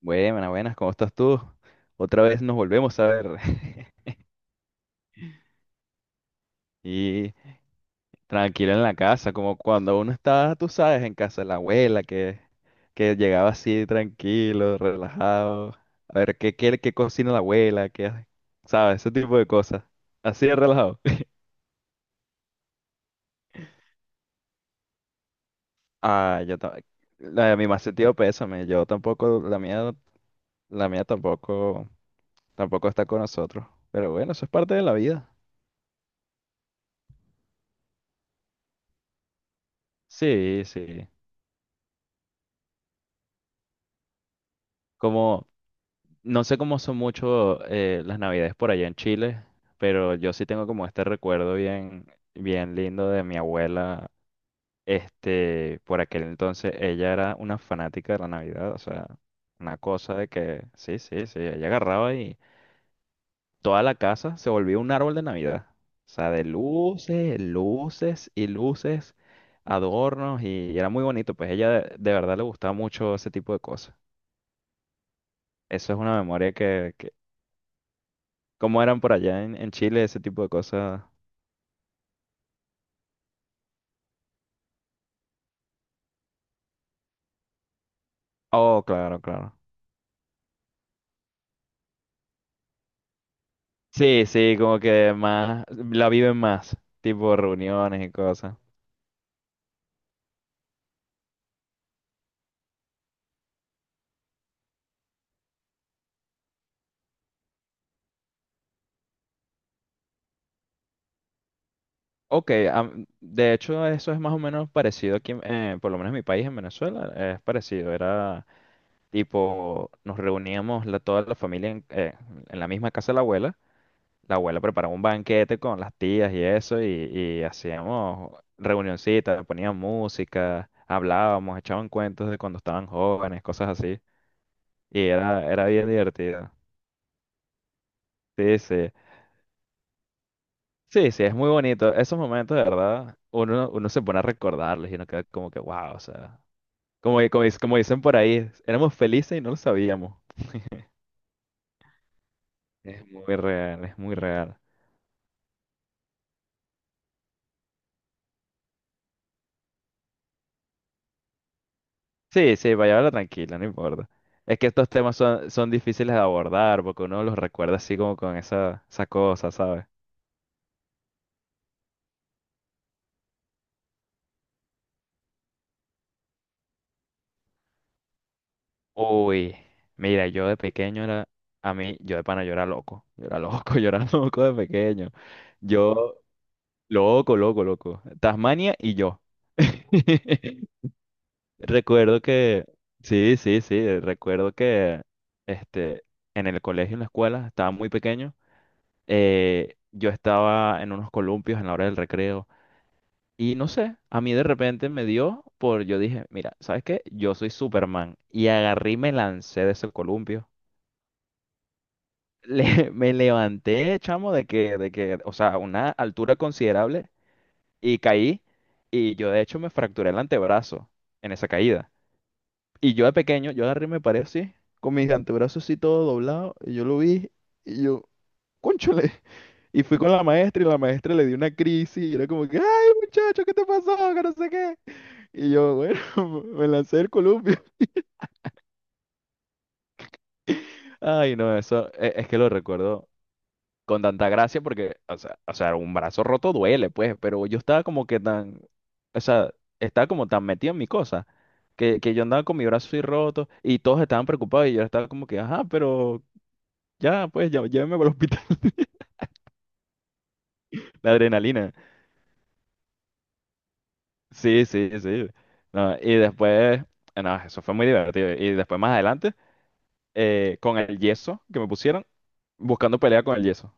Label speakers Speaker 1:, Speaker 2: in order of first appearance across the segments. Speaker 1: Buenas, buenas, ¿cómo estás tú? Otra vez nos volvemos a ver. Y tranquilo en la casa, como cuando uno está, tú sabes, en casa de la abuela, que llegaba así tranquilo, relajado. A ver, ¿qué cocina la abuela? ¿Qué hace? ¿Sabes? Ese tipo de cosas. Así de relajado. Ah, yo también. La de mi más sentido pésame. Yo tampoco, la mía, la mía tampoco está con nosotros. Pero bueno, eso es parte de la vida. Sí, sí. como No sé cómo son mucho las navidades por allá en Chile, pero yo sí tengo como este recuerdo bien, bien lindo de mi abuela. Este, por aquel entonces ella era una fanática de la Navidad, o sea, una cosa de que sí, sí, sí, ella agarraba y toda la casa se volvía un árbol de Navidad. O sea, de luces, luces y luces, adornos, y era muy bonito, pues ella de verdad le gustaba mucho ese tipo de cosas. Eso es una memoria. ¿Cómo eran por allá en Chile ese tipo de cosas? Oh, claro, claro. Sí, sí, como que más, la viven más, tipo reuniones y cosas. Ok, de hecho eso es más o menos parecido aquí, por lo menos en mi país, en Venezuela, es parecido. Era tipo, toda la familia en la misma casa de la abuela. La abuela preparaba un banquete con las tías y eso, y hacíamos reunioncitas, ponían música, hablábamos, echaban cuentos de cuando estaban jóvenes, cosas así. Y era, era bien divertido. Sí, sí. Sí, sí, es muy bonito. Esos momentos, de verdad, uno, uno se pone a recordarlos y uno queda como que, wow, o sea, como, como, como dicen por ahí, éramos felices y no lo sabíamos. Es muy real, es muy real. Sí, sí, vaya, habla tranquila, no importa. Es que estos temas son, son difíciles de abordar porque uno los recuerda así como con esa, esa cosa, ¿sabes? Uy, mira, yo de pequeño era, a mí, yo de pana, yo era loco. Yo era loco, yo era loco de pequeño. Yo, loco, loco, loco. Tasmania y yo. Recuerdo que, sí, sí, sí, recuerdo que este, en el colegio, en la escuela, estaba muy pequeño. Yo estaba en unos columpios en la hora del recreo y no sé, a mí de repente me dio por, yo dije, mira, ¿sabes qué? Yo soy Superman, y agarré y me lancé de ese columpio. Me levanté, chamo, de que, o sea, a una altura considerable, y caí, y yo de hecho me fracturé el antebrazo en esa caída. Y yo de pequeño, yo agarré y me paré así, con mis antebrazos así todo doblado, y yo lo vi y yo, cónchale. Y fui con la maestra y la maestra le dio una crisis y era como que, ay muchacho, ¿qué te pasó? Que no sé qué. Y yo, bueno, me lancé el columpio. Ay, no, eso es, que lo recuerdo con tanta gracia porque, o sea, un brazo roto duele, pues, pero yo estaba como que tan, o sea, estaba como tan metido en mi cosa, que yo andaba con mi brazo así roto y todos estaban preocupados y yo estaba como que, ajá, pero ya, pues, ya, llévenme para el hospital. La adrenalina. Sí, sí, sí. No, y después, no, eso fue muy divertido. Y después más adelante, con el yeso que me pusieron, buscando pelea con el yeso.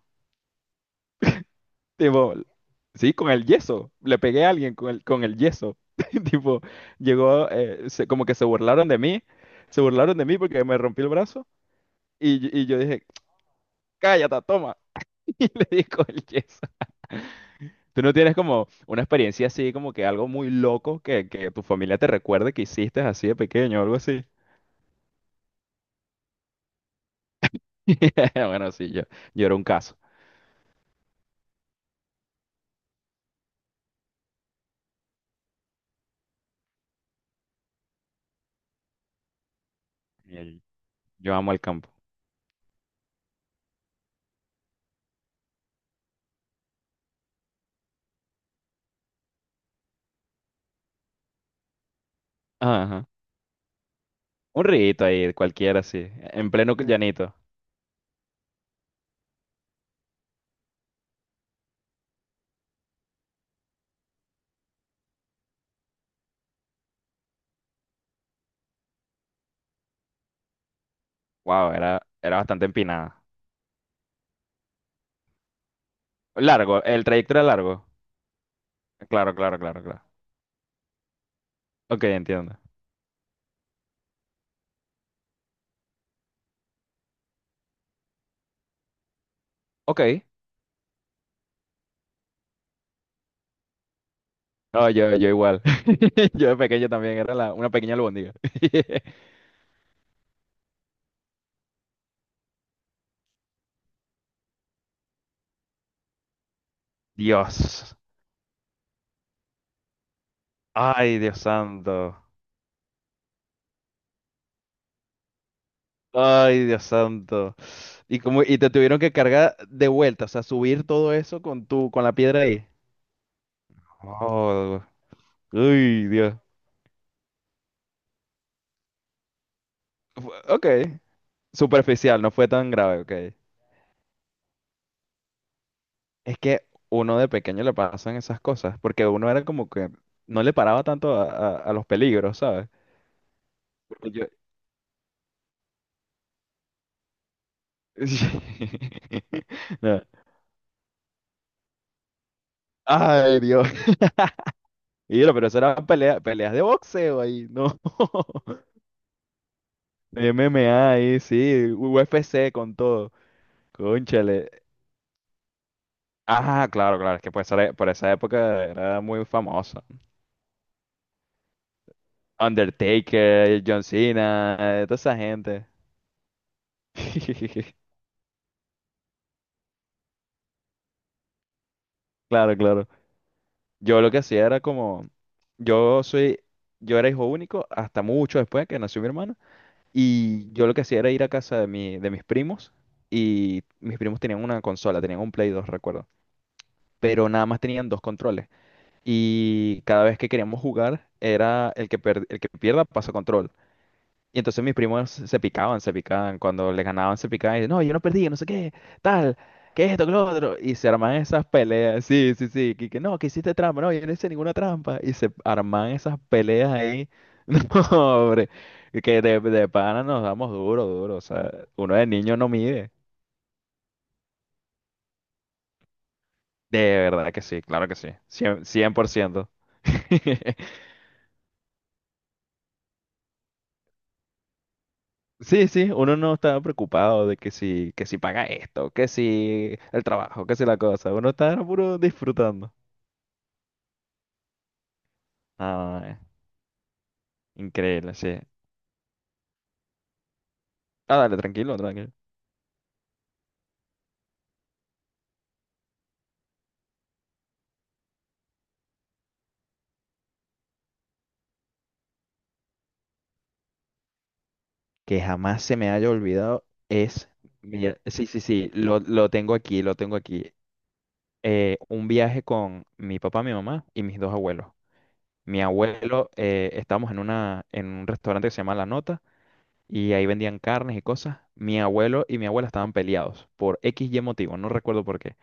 Speaker 1: Tipo, sí, con el yeso. Le pegué a alguien con el yeso. Tipo, llegó, como que se burlaron de mí. Se burlaron de mí porque me rompí el brazo. Y yo dije, cállate, toma. Y le di con el yeso. ¿Tú no tienes como una experiencia así, como que algo muy loco que tu familia te recuerde que hiciste así de pequeño o algo así? Bueno, sí, yo era un caso. Y el- Yo amo el campo. Ajá. Un rito ahí, cualquiera así, en pleno llanito. Wow, era, era bastante empinada. Largo, el trayecto era largo. Claro, claro, claro, claro. Ok, entiendo. Ok. No, yo igual. Yo de pequeño también era una pequeña albóndiga. Dios. Ay, Dios santo. Ay, Dios santo. Y como, y te tuvieron que cargar de vuelta, o sea, subir todo eso con tu, con la piedra ahí. Oh, uy, Dios. Ok. Superficial, no fue tan grave, ok. Es que uno de pequeño le pasan esas cosas, porque uno era como que no le paraba tanto a, a los peligros, ¿sabes? Porque yo... No. Ay, Dios. Y yo, pero eso eran peleas de boxeo ahí, no. MMA ahí, sí, UFC con todo. Cónchale. Ah, claro, claro, es que por esa época era muy famoso Undertaker, John Cena, toda esa gente. Claro, claro. Yo lo que hacía era como, yo soy, yo era hijo único hasta mucho después que nació mi hermana, y yo lo que hacía era ir a casa de mi, de mis primos, y mis primos tenían una consola, tenían un Play 2 recuerdo, pero nada más tenían dos controles, y cada vez que queríamos jugar era el que, el que pierda pasa control, y entonces mis primos se picaban, se picaban. Cuando les ganaban, se picaban. Y dicen, no, yo no perdí, no sé qué, tal, que esto, que lo otro. Y se arman esas peleas. Sí, sí, sí. Que no, que hiciste trampa. No, yo no hice ninguna trampa. Y se arman esas peleas ahí. No, hombre. Que de pana nos damos duro, duro. O sea, uno de niño no mide. De verdad que sí, claro que sí. Por ciento. Sí, sí, uno no estaba preocupado de que si paga esto, que si el trabajo, que si la cosa. Uno estaba puro disfrutando. Ah, increíble, sí. Ah, dale, tranquilo, tranquilo. Que jamás se me haya olvidado es... mira, sí, sí, sí, lo tengo aquí, lo tengo aquí. Un viaje con mi papá, mi mamá y mis dos abuelos. Mi abuelo, estábamos en una, en un restaurante que se llama La Nota, y ahí vendían carnes y cosas. Mi abuelo y mi abuela estaban peleados por X y motivo, no recuerdo por qué.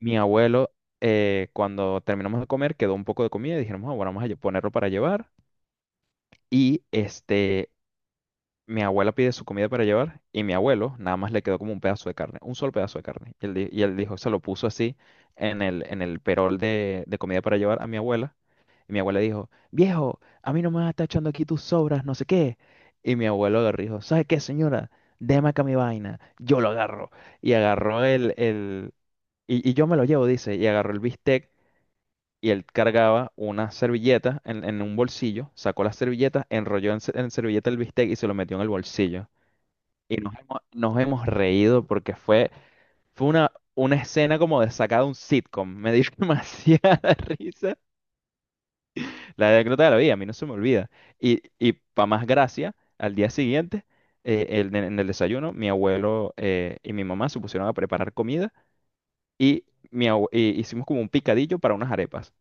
Speaker 1: Mi abuelo, cuando terminamos de comer, quedó un poco de comida y dijeron, "Ah, bueno, vamos a ponerlo para llevar." Y este, mi abuela pide su comida para llevar y mi abuelo nada más le quedó como un pedazo de carne, un solo pedazo de carne. Y él dijo, se lo puso así en el perol de comida para llevar a mi abuela. Y mi abuela dijo, viejo, a mí no me vas a estar echando aquí tus sobras, no sé qué. Y mi abuelo agarró y dijo, ¿sabe qué, señora? Deme acá mi vaina, yo lo agarro. Y agarró y yo me lo llevo, dice, y agarró el bistec, y él cargaba una servilleta en un bolsillo, sacó la servilleta, enrolló en servilleta el bistec y se lo metió en el bolsillo. Y nos hemos reído porque fue, fue una escena como de sacada de un sitcom. Me dio demasiada risa. La anécdota de la vida, a mí no se me olvida. Y para más gracia, al día siguiente, en el desayuno, mi abuelo y mi mamá se pusieron a preparar comida, y y hicimos como un picadillo para unas arepas.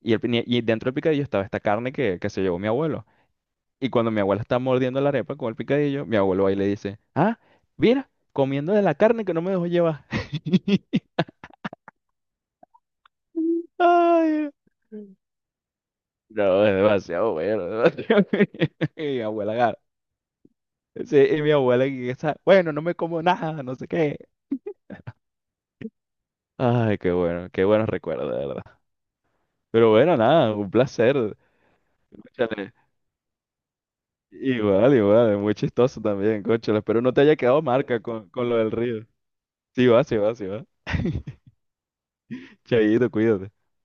Speaker 1: Y y dentro del picadillo estaba esta carne que se llevó mi abuelo. Y cuando mi abuela está mordiendo la arepa con el picadillo, mi abuelo ahí le dice, ah, mira, comiendo de la carne que no me dejó llevar. Ay, no, es demasiado bueno, demasiado bueno. Y mi abuela agarra. Sí, y mi abuela que está, bueno, no me como nada, no sé qué. Ay, qué bueno, qué buenos recuerdos, de verdad. Pero bueno, nada, un placer. Cónchale, igual, igual, es muy chistoso también, cónchale. Espero no te haya quedado marca con lo del río. Sí va, sí va, sí va. Chaito, cuídate.